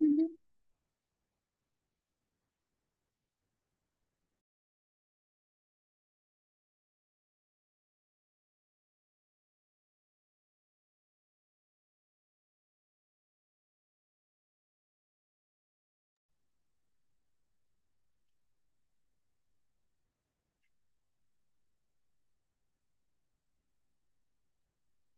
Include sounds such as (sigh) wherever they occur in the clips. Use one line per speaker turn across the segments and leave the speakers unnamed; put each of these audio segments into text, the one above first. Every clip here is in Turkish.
Hı hı,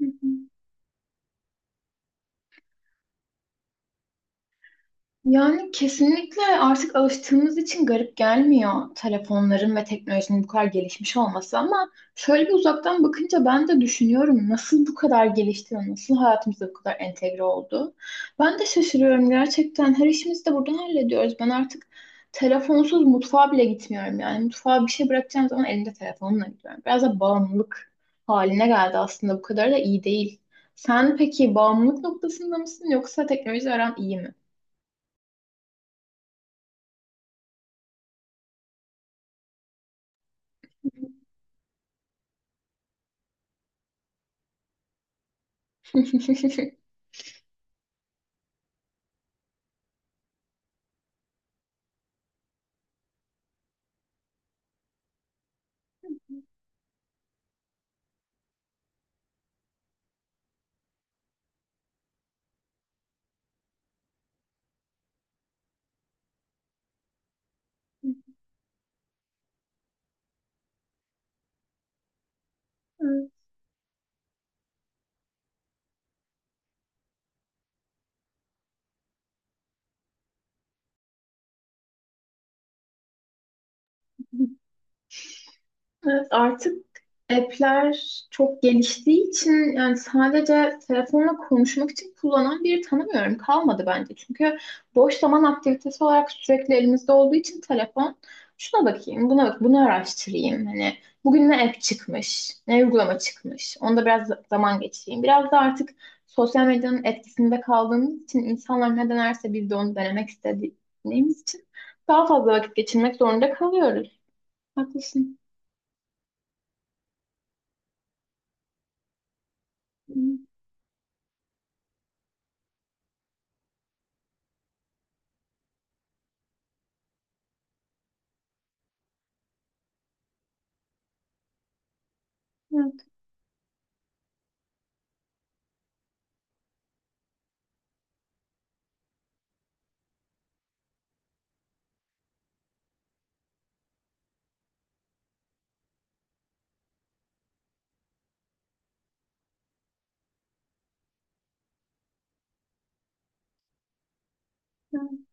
hı hı. Yani kesinlikle artık alıştığımız için garip gelmiyor telefonların ve teknolojinin bu kadar gelişmiş olması ama şöyle bir uzaktan bakınca ben de düşünüyorum nasıl bu kadar gelişti ve nasıl hayatımıza bu kadar entegre oldu. Ben de şaşırıyorum gerçekten, her işimizi de buradan hallediyoruz. Ben artık telefonsuz mutfağa bile gitmiyorum, yani mutfağa bir şey bırakacağım zaman elimde telefonla gidiyorum. Biraz da bağımlılık haline geldi aslında, bu kadar da iyi değil. Sen peki bağımlılık noktasında mısın yoksa teknoloji aran iyi mi? Hı. Evet, artık app'ler çok geliştiği için yani sadece telefonla konuşmak için kullanan biri tanımıyorum. Kalmadı bence. Çünkü boş zaman aktivitesi olarak sürekli elimizde olduğu için telefon, şuna bakayım, buna bak, bunu araştırayım. Hani bugün ne app çıkmış, ne uygulama çıkmış. Onda biraz zaman geçireyim. Biraz da artık sosyal medyanın etkisinde kaldığımız için, insanlar ne denerse biz de onu denemek istediğimiz için daha fazla vakit geçirmek zorunda kalıyoruz. Haklısın. Hı, evet. (laughs)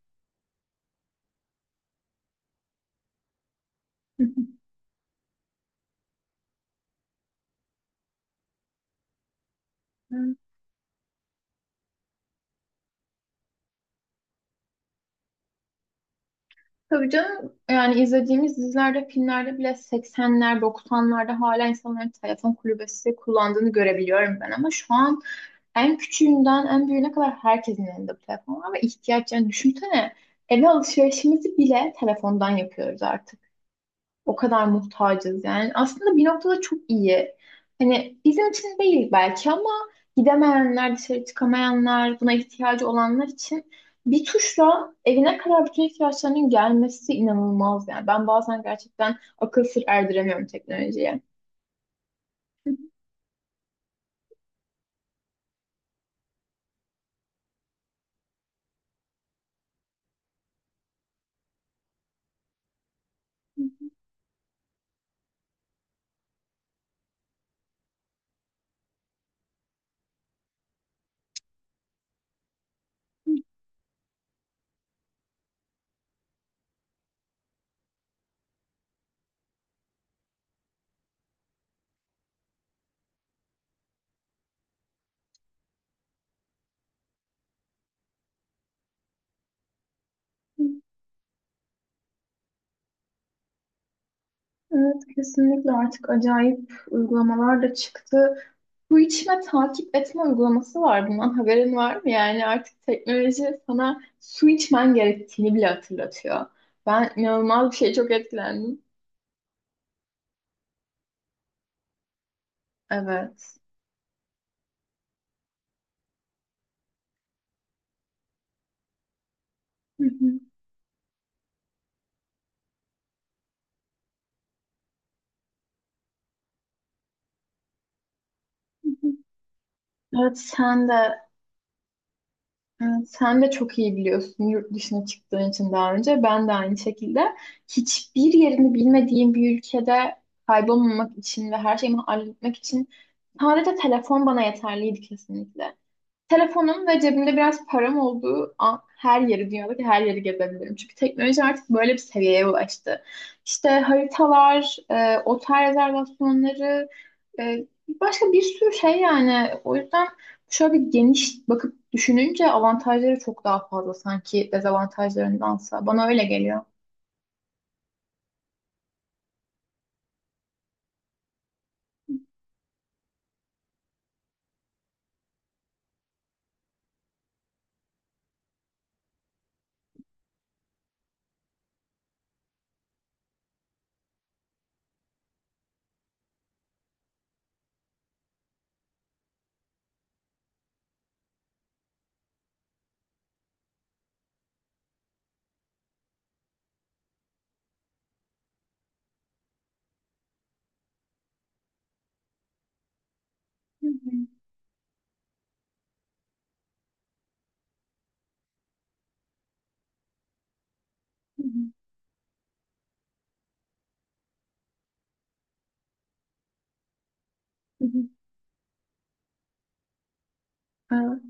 Tabii canım, yani izlediğimiz dizilerde, filmlerde bile 80'ler, 90'larda hala insanların telefon kulübesi kullandığını görebiliyorum ben, ama şu an en küçüğünden en büyüğüne kadar herkesin elinde bu telefon var ve ihtiyaç, yani düşünsene eve alışverişimizi bile telefondan yapıyoruz artık. O kadar muhtacız yani. Aslında bir noktada çok iyi. Hani bizim için değil belki ama gidemeyenler, dışarı çıkamayanlar, buna ihtiyacı olanlar için bir tuşla evine kadar bütün ihtiyaçlarının gelmesi inanılmaz yani. Ben bazen gerçekten akıl sır erdiremiyorum teknolojiye. Evet, kesinlikle artık acayip uygulamalar da çıktı. Bu içme takip etme uygulaması var. Bundan haberin var mı? Yani artık teknoloji sana su içmen gerektiğini bile hatırlatıyor. Ben inanılmaz bir şeye çok etkilendim. Evet. Hı hı, hı hı. Evet sen de evet, sen de çok iyi biliyorsun yurt dışına çıktığın için daha önce. Ben de aynı şekilde hiçbir yerini bilmediğim bir ülkede kaybolmamak için ve her şeyimi halletmek için sadece telefon bana yeterliydi kesinlikle. Telefonum ve cebimde biraz param olduğu an her yeri, dünyadaki her yeri gezebilirim. Çünkü teknoloji artık böyle bir seviyeye ulaştı. İşte haritalar, otel rezervasyonları, başka bir sürü şey yani. O yüzden şöyle bir geniş bakıp düşününce avantajları çok daha fazla sanki dezavantajlarındansa. Bana öyle geliyor. Hı hı, hı hı, hı hı. Evet.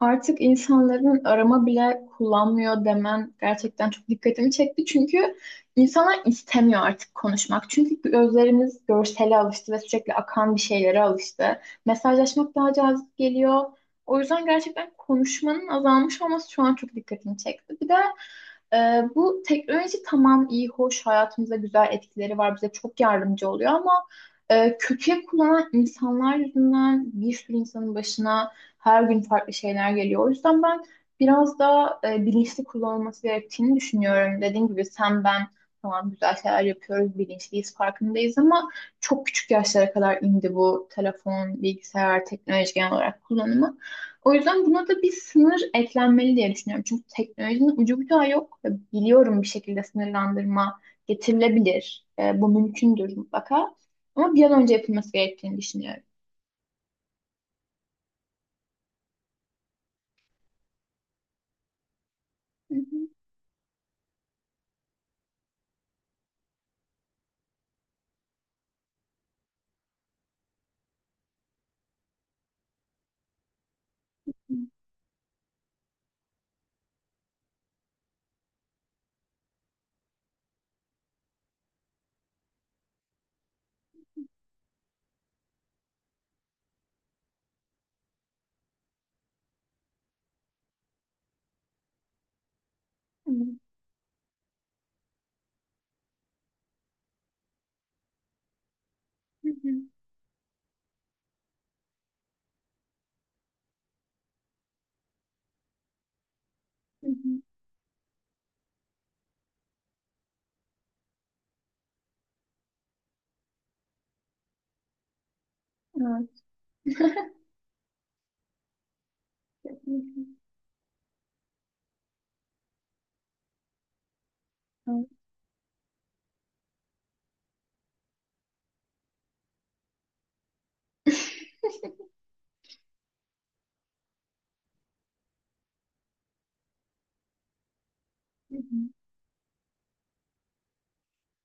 Artık insanların arama bile kullanmıyor demen gerçekten çok dikkatimi çekti. Çünkü insanlar istemiyor artık konuşmak. Çünkü gözlerimiz görsele alıştı ve sürekli akan bir şeylere alıştı. Mesajlaşmak daha cazip geliyor. O yüzden gerçekten konuşmanın azalmış olması şu an çok dikkatimi çekti. Bir de bu teknoloji tamam iyi, hoş, hayatımıza güzel etkileri var, bize çok yardımcı oluyor ama kötüye kullanan insanlar yüzünden bir sürü insanın başına her gün farklı şeyler geliyor. O yüzden ben biraz daha bilinçli kullanılması gerektiğini düşünüyorum. Dediğim gibi sen ben tamam güzel şeyler yapıyoruz, bilinçliyiz, farkındayız ama çok küçük yaşlara kadar indi bu telefon, bilgisayar, teknoloji genel olarak kullanımı. O yüzden buna da bir sınır eklenmeli diye düşünüyorum. Çünkü teknolojinin ucu bucağı yok. Ve biliyorum bir şekilde sınırlandırma getirilebilir. Bu mümkündür mutlaka. Ama bir an önce yapılması gerektiğini düşünüyorum. Hı hı, hı hı, hı hı. Hı hı. Evet. (laughs) Kesinlikle. Evet. Hı hı.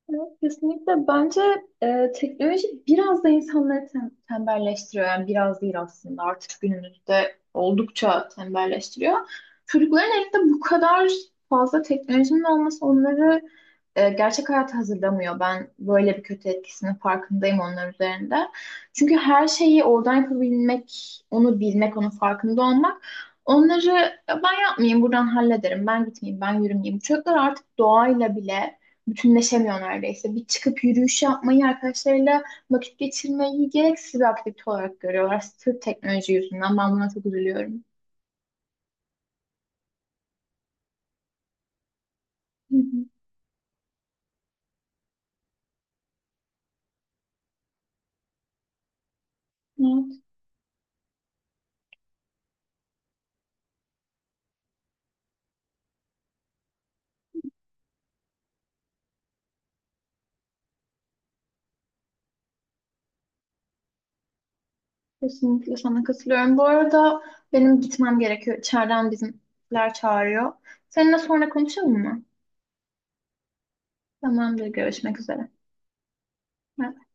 Evet, kesinlikle. Bence teknoloji biraz da insanları tembelleştiriyor. Yani biraz değil aslında. Artık günümüzde oldukça tembelleştiriyor. Çocukların elinde bu kadar fazla teknolojinin olması onları gerçek hayata hazırlamıyor. Ben böyle bir kötü etkisinin farkındayım onlar üzerinde. Çünkü her şeyi oradan yapabilmek, onu bilmek, onun farkında olmak onları, "Ya ben yapmayayım, buradan hallederim, ben gitmeyeyim, ben yürümeyeyim." Çocuklar artık doğayla bile bütünleşemiyor neredeyse. Bir çıkıp yürüyüş yapmayı, arkadaşlarıyla vakit geçirmeyi gereksiz bir aktivite olarak görüyorlar. Sırf teknoloji yüzünden. Ben buna çok üzülüyorum. Hı hı. Evet, kesinlikle sana katılıyorum. Bu arada benim gitmem gerekiyor. İçeriden bizimler çağırıyor. Seninle sonra konuşalım mı? Tamamdır, görüşmek üzere. Bye.